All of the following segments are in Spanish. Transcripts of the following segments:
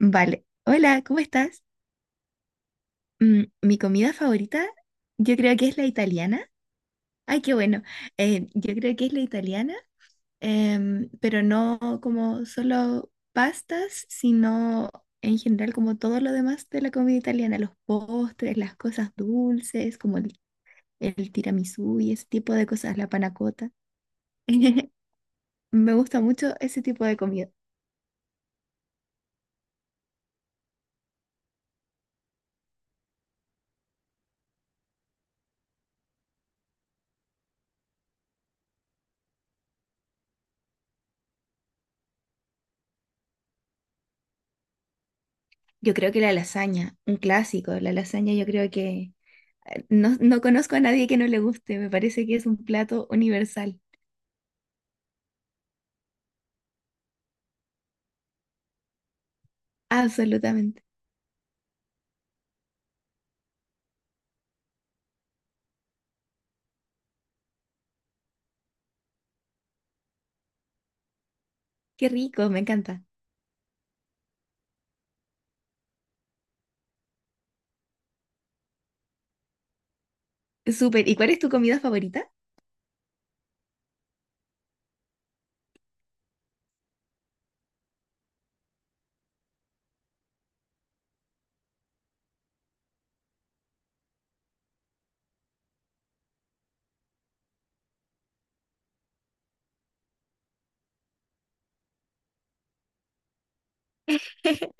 Vale. Hola, ¿cómo estás? Mi comida favorita, yo creo que es la italiana. Ay, qué bueno. Yo creo que es la italiana, pero no como solo pastas, sino en general como todo lo demás de la comida italiana, los postres, las cosas dulces, como el tiramisú y ese tipo de cosas, la panna cotta. Me gusta mucho ese tipo de comida. Yo creo que la lasaña, un clásico, la lasaña yo creo que no, no conozco a nadie que no le guste. Me parece que es un plato universal. Absolutamente. Qué rico, me encanta. Súper. ¿Y cuál es tu comida favorita?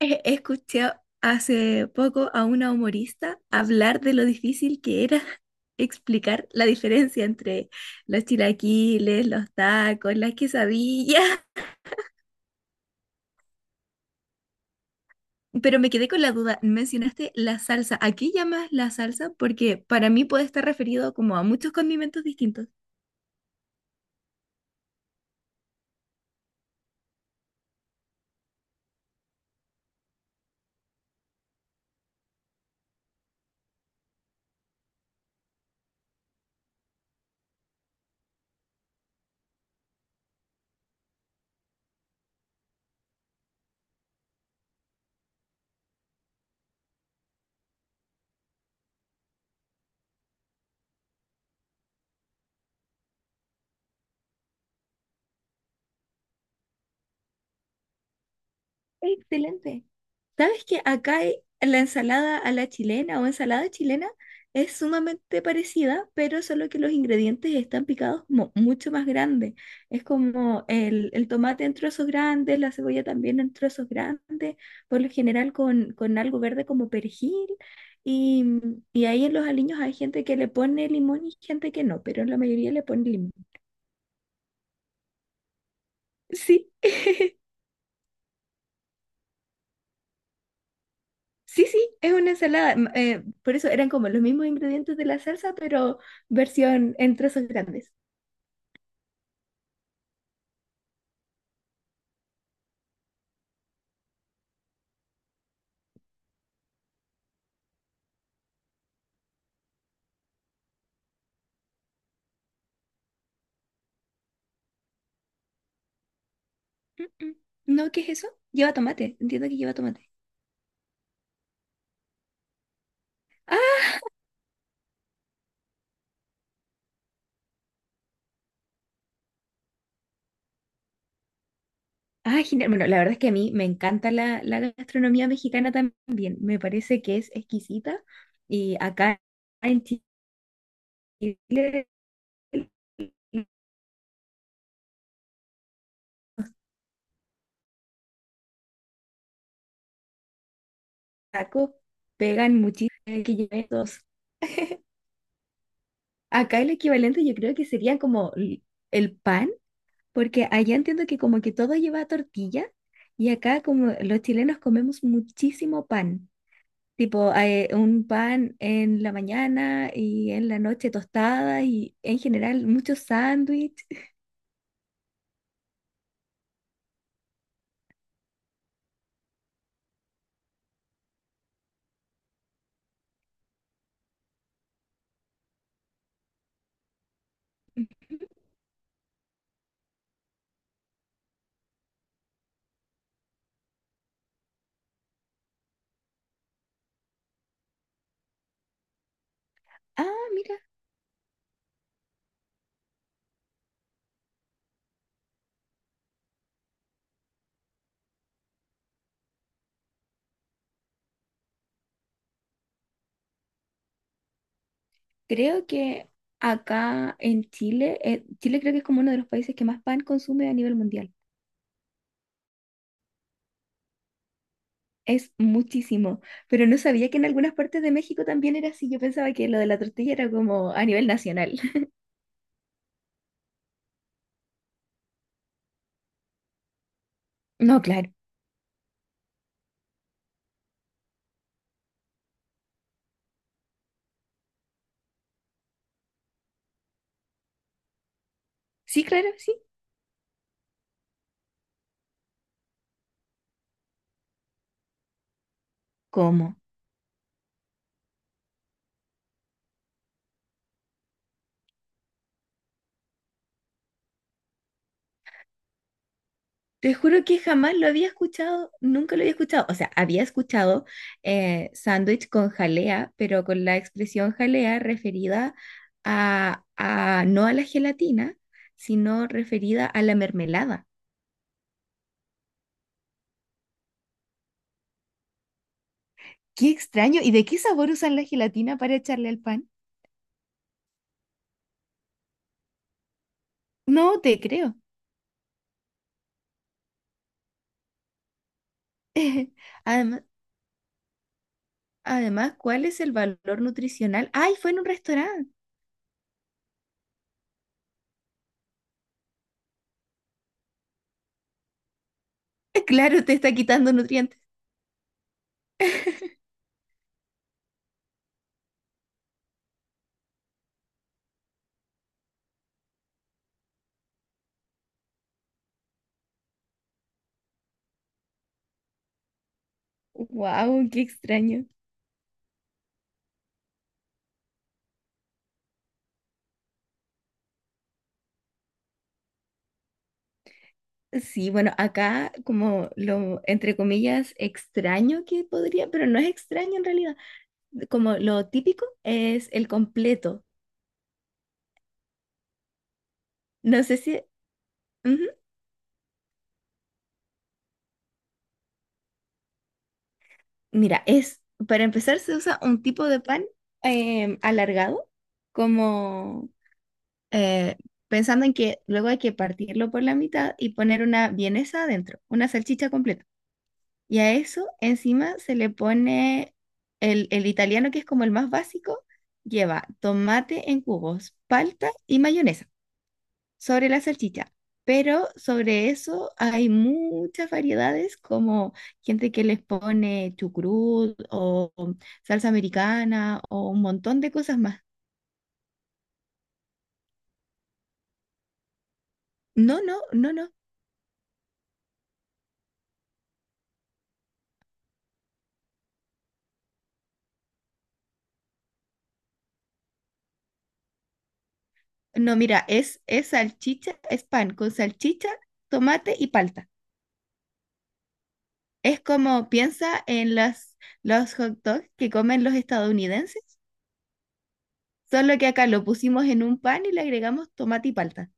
Escuché hace poco a una humorista hablar de lo difícil que era explicar la diferencia entre los chilaquiles, los tacos, las quesadillas. Pero me quedé con la duda, mencionaste la salsa. ¿A qué llamas la salsa? Porque para mí puede estar referido como a muchos condimentos distintos. Excelente. ¿Sabes que acá hay- la ensalada a la chilena o ensalada chilena es sumamente parecida, pero solo que los ingredientes están picados mucho más grandes? Es como el tomate en trozos grandes, la cebolla también en trozos grandes, por lo general con algo verde como perejil. Y, y ahí en los aliños hay gente que le pone limón y gente que no, pero la mayoría le pone limón. Sí. Sí, sí, es una ensalada. Por eso eran como los mismos ingredientes de la salsa, pero versión en trozos grandes. Mm, mm. No, ¿qué es eso? Lleva tomate. Entiendo que lleva tomate. Ah, ah, genial. Bueno, la verdad es que a mí me encanta la gastronomía mexicana también. Me parece que es exquisita. Y acá en Chile los tacos pegan muchísimo. Que lleven dos. Acá el equivalente yo creo que sería como el pan. Porque allá entiendo que como que todo lleva tortilla y acá como los chilenos comemos muchísimo pan. Tipo, un pan en la mañana y en la noche tostada y en general muchos sándwiches. Ah, mira, creo que acá en Chile, Chile creo que es como uno de los países que más pan consume a nivel mundial. Es muchísimo, pero no sabía que en algunas partes de México también era así. Yo pensaba que lo de la tortilla era como a nivel nacional. No, claro. Sí, claro, sí. ¿Cómo? Te juro que jamás lo había escuchado, nunca lo había escuchado. O sea, había escuchado sándwich con jalea, pero con la expresión jalea referida a no a la gelatina, sino referida a la mermelada. Qué extraño. ¿Y de qué sabor usan la gelatina para echarle al pan? No te creo. Además, además, ¿cuál es el valor nutricional? ¡Ay, fue en un restaurante! Claro, te está quitando nutrientes. ¡Wow! ¡Qué extraño! Sí, bueno, acá como lo, entre comillas, extraño que podría, pero no es extraño en realidad. Como lo típico es el completo. No sé si... ujú. Mira, es, para empezar se usa un tipo de pan alargado, como eh, pensando en que luego hay que partirlo por la mitad y poner una vienesa adentro, una salchicha completa. Y a eso encima se le pone el italiano, que es como el más básico, lleva tomate en cubos, palta y mayonesa sobre la salchicha. Pero sobre eso hay muchas variedades, como gente que les pone chucrut o salsa americana o un montón de cosas más. No, no, no, no. No, mira, es salchicha, es pan con salchicha, tomate y palta. Es como piensa en los hot dogs que comen los estadounidenses, solo que acá lo pusimos en un pan y le agregamos tomate y palta.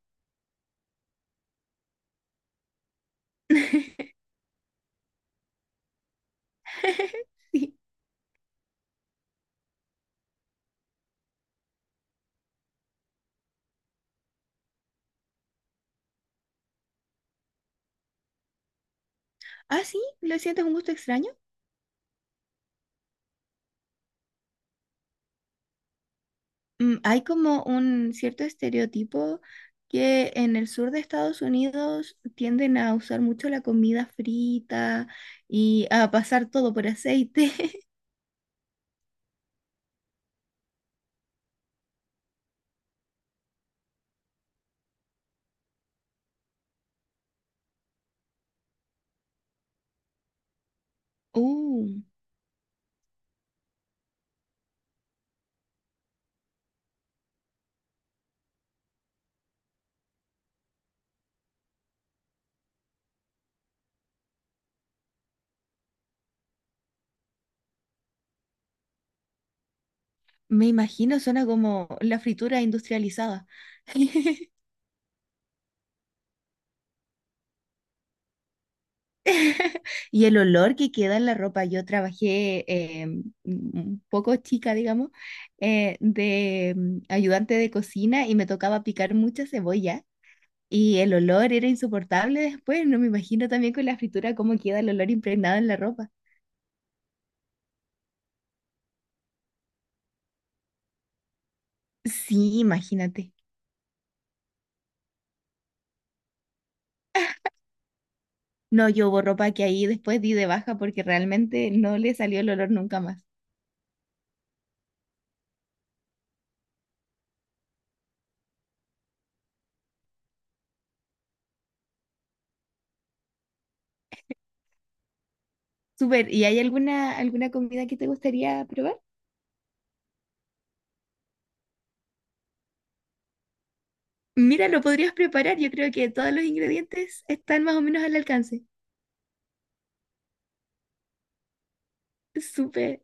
Sí. Ah, sí, ¿lo sientes un gusto extraño? Hay como un cierto estereotipo que en el sur de Estados Unidos tienden a usar mucho la comida frita y a pasar todo por aceite. Uh, me imagino, suena como la fritura industrializada. Y el olor que queda en la ropa. Yo trabajé eh, un poco chica, digamos, de ayudante de cocina y me tocaba picar mucha cebolla y el olor era insoportable después. No me imagino también con la fritura cómo queda el olor impregnado en la ropa. Sí, imagínate. No, yo hubo ropa que ahí después di de baja porque realmente no le salió el olor nunca más. Súper, ¿y hay alguna, alguna comida que te gustaría probar? Mira, lo podrías preparar. Yo creo que todos los ingredientes están más o menos al alcance. Súper.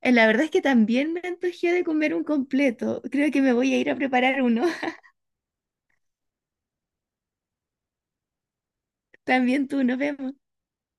La verdad es que también me antojé de comer un completo. Creo que me voy a ir a preparar uno. También tú, nos vemos.